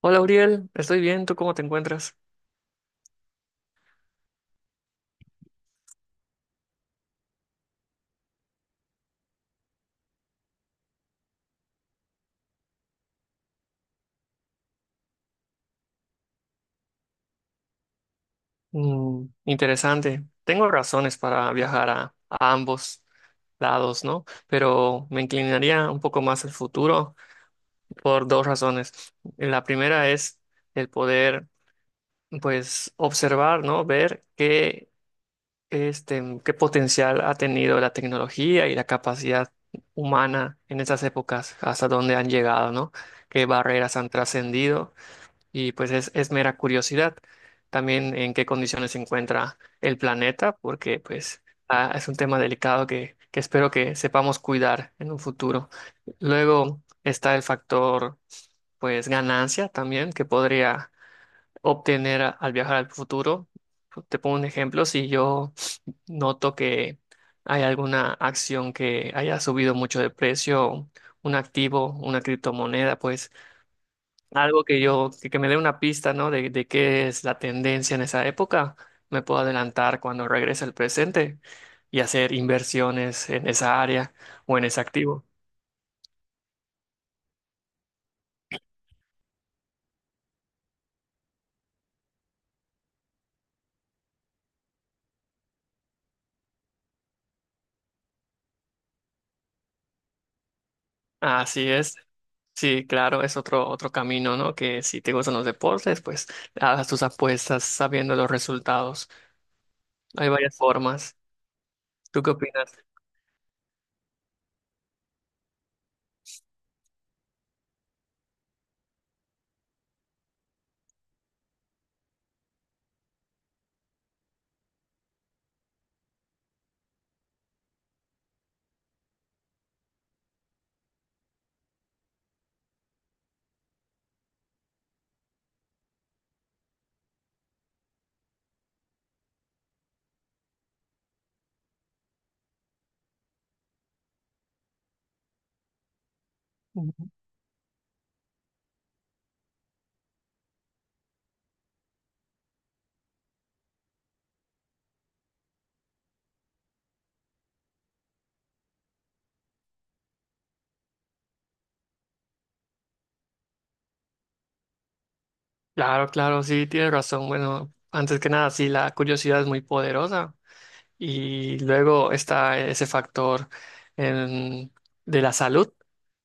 Hola Uriel, estoy bien, ¿tú cómo te encuentras? Interesante. Tengo razones para viajar a ambos lados, ¿no? Pero me inclinaría un poco más al futuro por dos razones. La primera es el poder, pues, observar, ¿no? Ver qué, qué potencial ha tenido la tecnología y la capacidad humana en esas épocas, hasta dónde han llegado, ¿no? Qué barreras han trascendido y pues es mera curiosidad. También en qué condiciones se encuentra el planeta, porque pues es un tema delicado que espero que sepamos cuidar en un futuro. Luego está el factor pues ganancia también que podría obtener al viajar al futuro. Te pongo un ejemplo, si yo noto que hay alguna acción que haya subido mucho de precio, un activo, una criptomoneda, pues algo que me dé una pista, ¿no? De qué es la tendencia en esa época, me puedo adelantar cuando regrese al presente y hacer inversiones en esa área o en ese activo. Así es. Sí, claro, es otro camino, ¿no? Que si te gustan los deportes, pues hagas tus apuestas sabiendo los resultados. Hay varias formas. ¿Tú qué opinas? Ujú. Claro, claro, sí, tienes razón. Bueno, antes que nada, sí, la curiosidad es muy poderosa. Y luego está ese factor em, de la salud.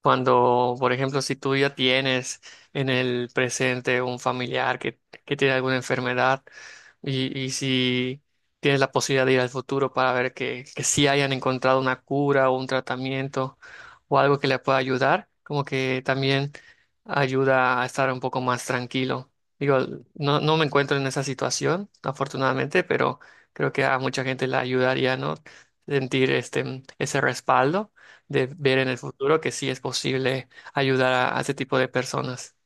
Cuando, por ejemplo, si tú ya tienes en el presente un familiar que tiene alguna enfermedad y si tienes la posibilidad de ir al futuro para ver que sí hayan encontrado una cura o un tratamiento o algo que le pueda ayudar, como que también ayuda a estar un poco más tranquilo. Digo, no, no me encuentro en esa situación, afortunadamente. Creo que a mucha gente le ayudaría, ¿no? Sentir este, ese respaldo de ver en el futuro que sí es posible ayudar a ese tipo de personas.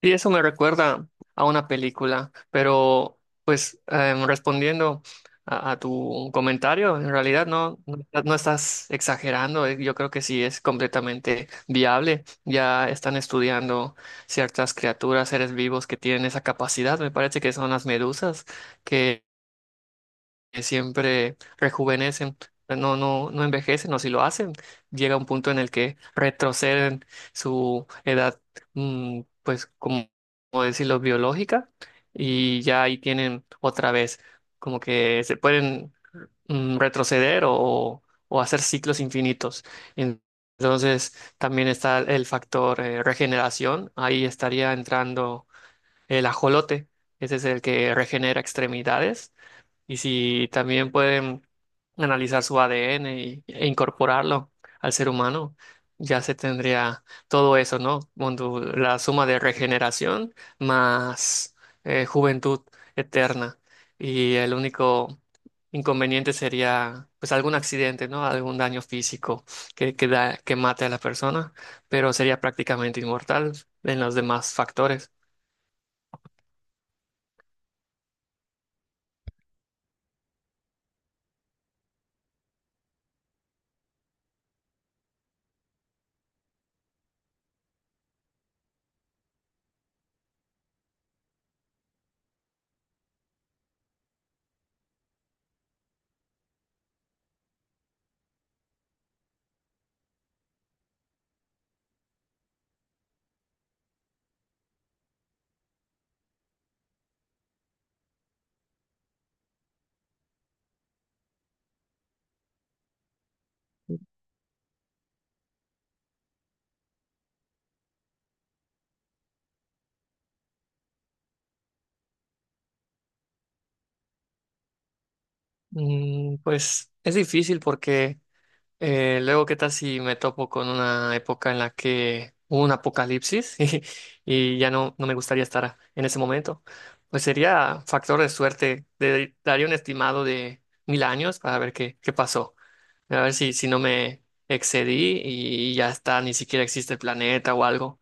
Y eso me recuerda a una película, pero pues respondiendo a tu comentario, en realidad no, no, no estás exagerando, yo creo que sí es completamente viable. Ya están estudiando ciertas criaturas, seres vivos que tienen esa capacidad, me parece que son las medusas que que siempre rejuvenecen, no, no, no envejecen, o si lo hacen, llega un punto en el que retroceden su edad, pues como decirlo, biológica, y ya ahí tienen otra vez, como que se pueden retroceder o hacer ciclos infinitos. En- Entonces también está el factor regeneración, ahí estaría entrando el ajolote, ese es el que regenera extremidades y si también pueden analizar su ADN e incorporarlo al ser humano, ya se tendría todo eso, ¿no? Cuando la suma de regeneración más juventud eterna. Y el único inconveniente sería pues algún accidente, ¿no? Algún daño físico que mate a la persona, pero sería prácticamente inmortal en los demás factores. Pues es difícil porque luego, ¿qué tal si me topo con una época en la que hubo un apocalipsis y ya no, no me gustaría estar en ese momento? Pues sería factor de suerte. Daría un estimado de 1000 años para ver qué pasó. A ver si no me excedí y ya está, ni siquiera existe el planeta o algo,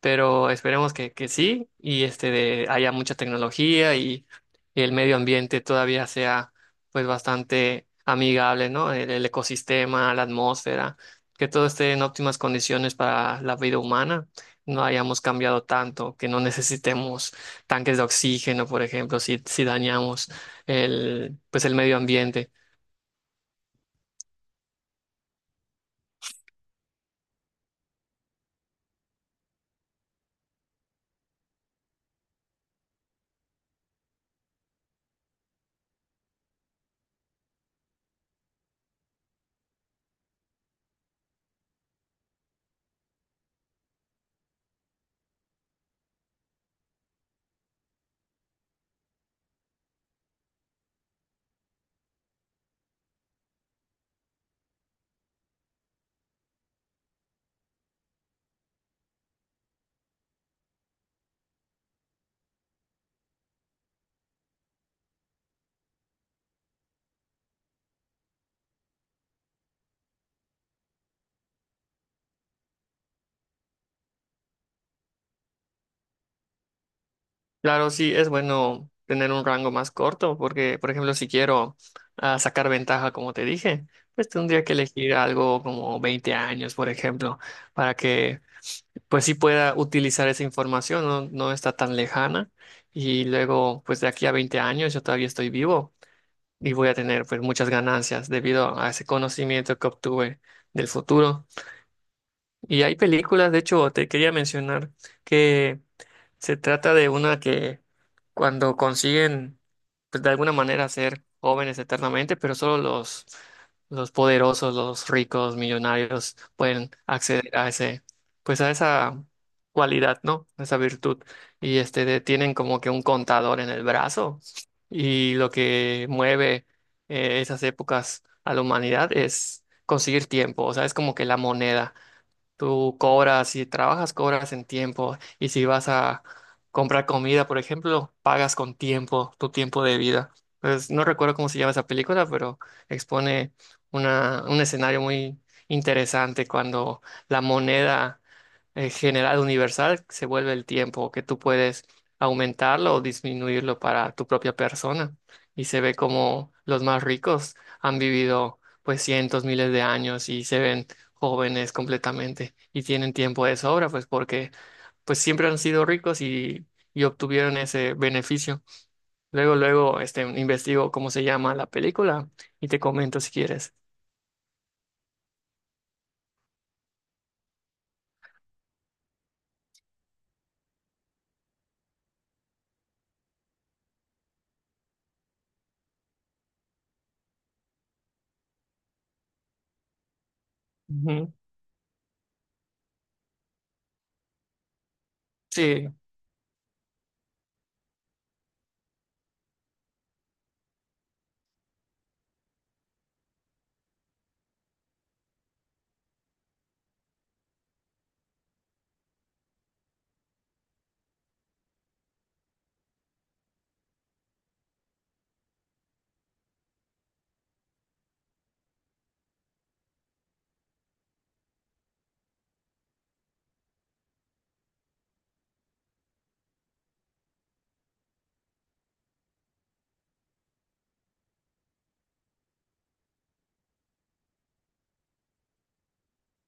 pero esperemos que sí y haya mucha tecnología y el medio ambiente todavía sea pues bastante amigable, ¿no? El ecosistema, la atmósfera, que todo esté en óptimas condiciones para la vida humana, no hayamos cambiado tanto, que no necesitemos tanques de oxígeno, por ejemplo, si dañamos el medio ambiente. Claro, sí, es bueno tener un rango más corto porque, por ejemplo, si quiero sacar ventaja, como te dije, pues tendría que elegir algo como 20 años, por ejemplo, para que pues sí pueda utilizar esa información, no, no está tan lejana y luego pues de aquí a 20 años yo todavía estoy vivo y voy a tener pues muchas ganancias debido a ese conocimiento que obtuve del futuro. Y hay películas, de hecho, te quería mencionar que se trata de una que cuando consiguen, pues de alguna manera ser jóvenes eternamente, pero solo los poderosos, los ricos, millonarios pueden acceder a ese, pues a esa cualidad, ¿no? A esa virtud. Y tienen como que un contador en el brazo y lo que mueve esas épocas a la humanidad es conseguir tiempo, o sea, es como que la moneda. Tú cobras, si trabajas, cobras en tiempo. Y si vas a comprar comida, por ejemplo, pagas con tiempo, tu tiempo de vida. Pues no recuerdo cómo se llama esa película, pero expone una, un escenario muy interesante cuando la moneda general universal se vuelve el tiempo, que tú puedes aumentarlo o disminuirlo para tu propia persona. Y se ve como los más ricos han vivido pues cientos, miles de años y se ven jóvenes completamente y tienen tiempo de sobra, pues porque pues siempre han sido ricos y obtuvieron ese beneficio. Luego, luego, investigo cómo se llama la película y te comento si quieres. Ujú. Sí,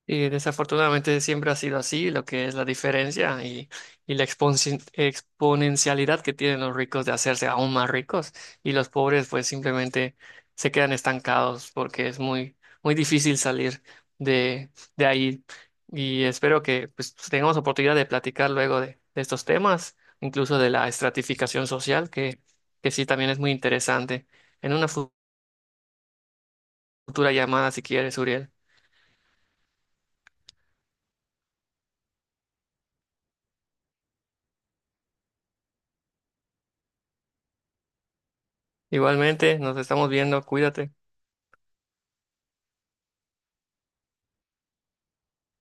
y desafortunadamente siempre ha sido así, lo que es la diferencia y la exponencialidad que tienen los ricos de hacerse aún más ricos y los pobres pues simplemente se quedan estancados porque es muy, muy difícil salir de, de ahí. Y espero que pues tengamos oportunidad de platicar luego de estos temas, incluso de la estratificación social, que sí también es muy interesante, en una futura llamada si quieres, Uriel. Igualmente, nos estamos viendo, cuídate.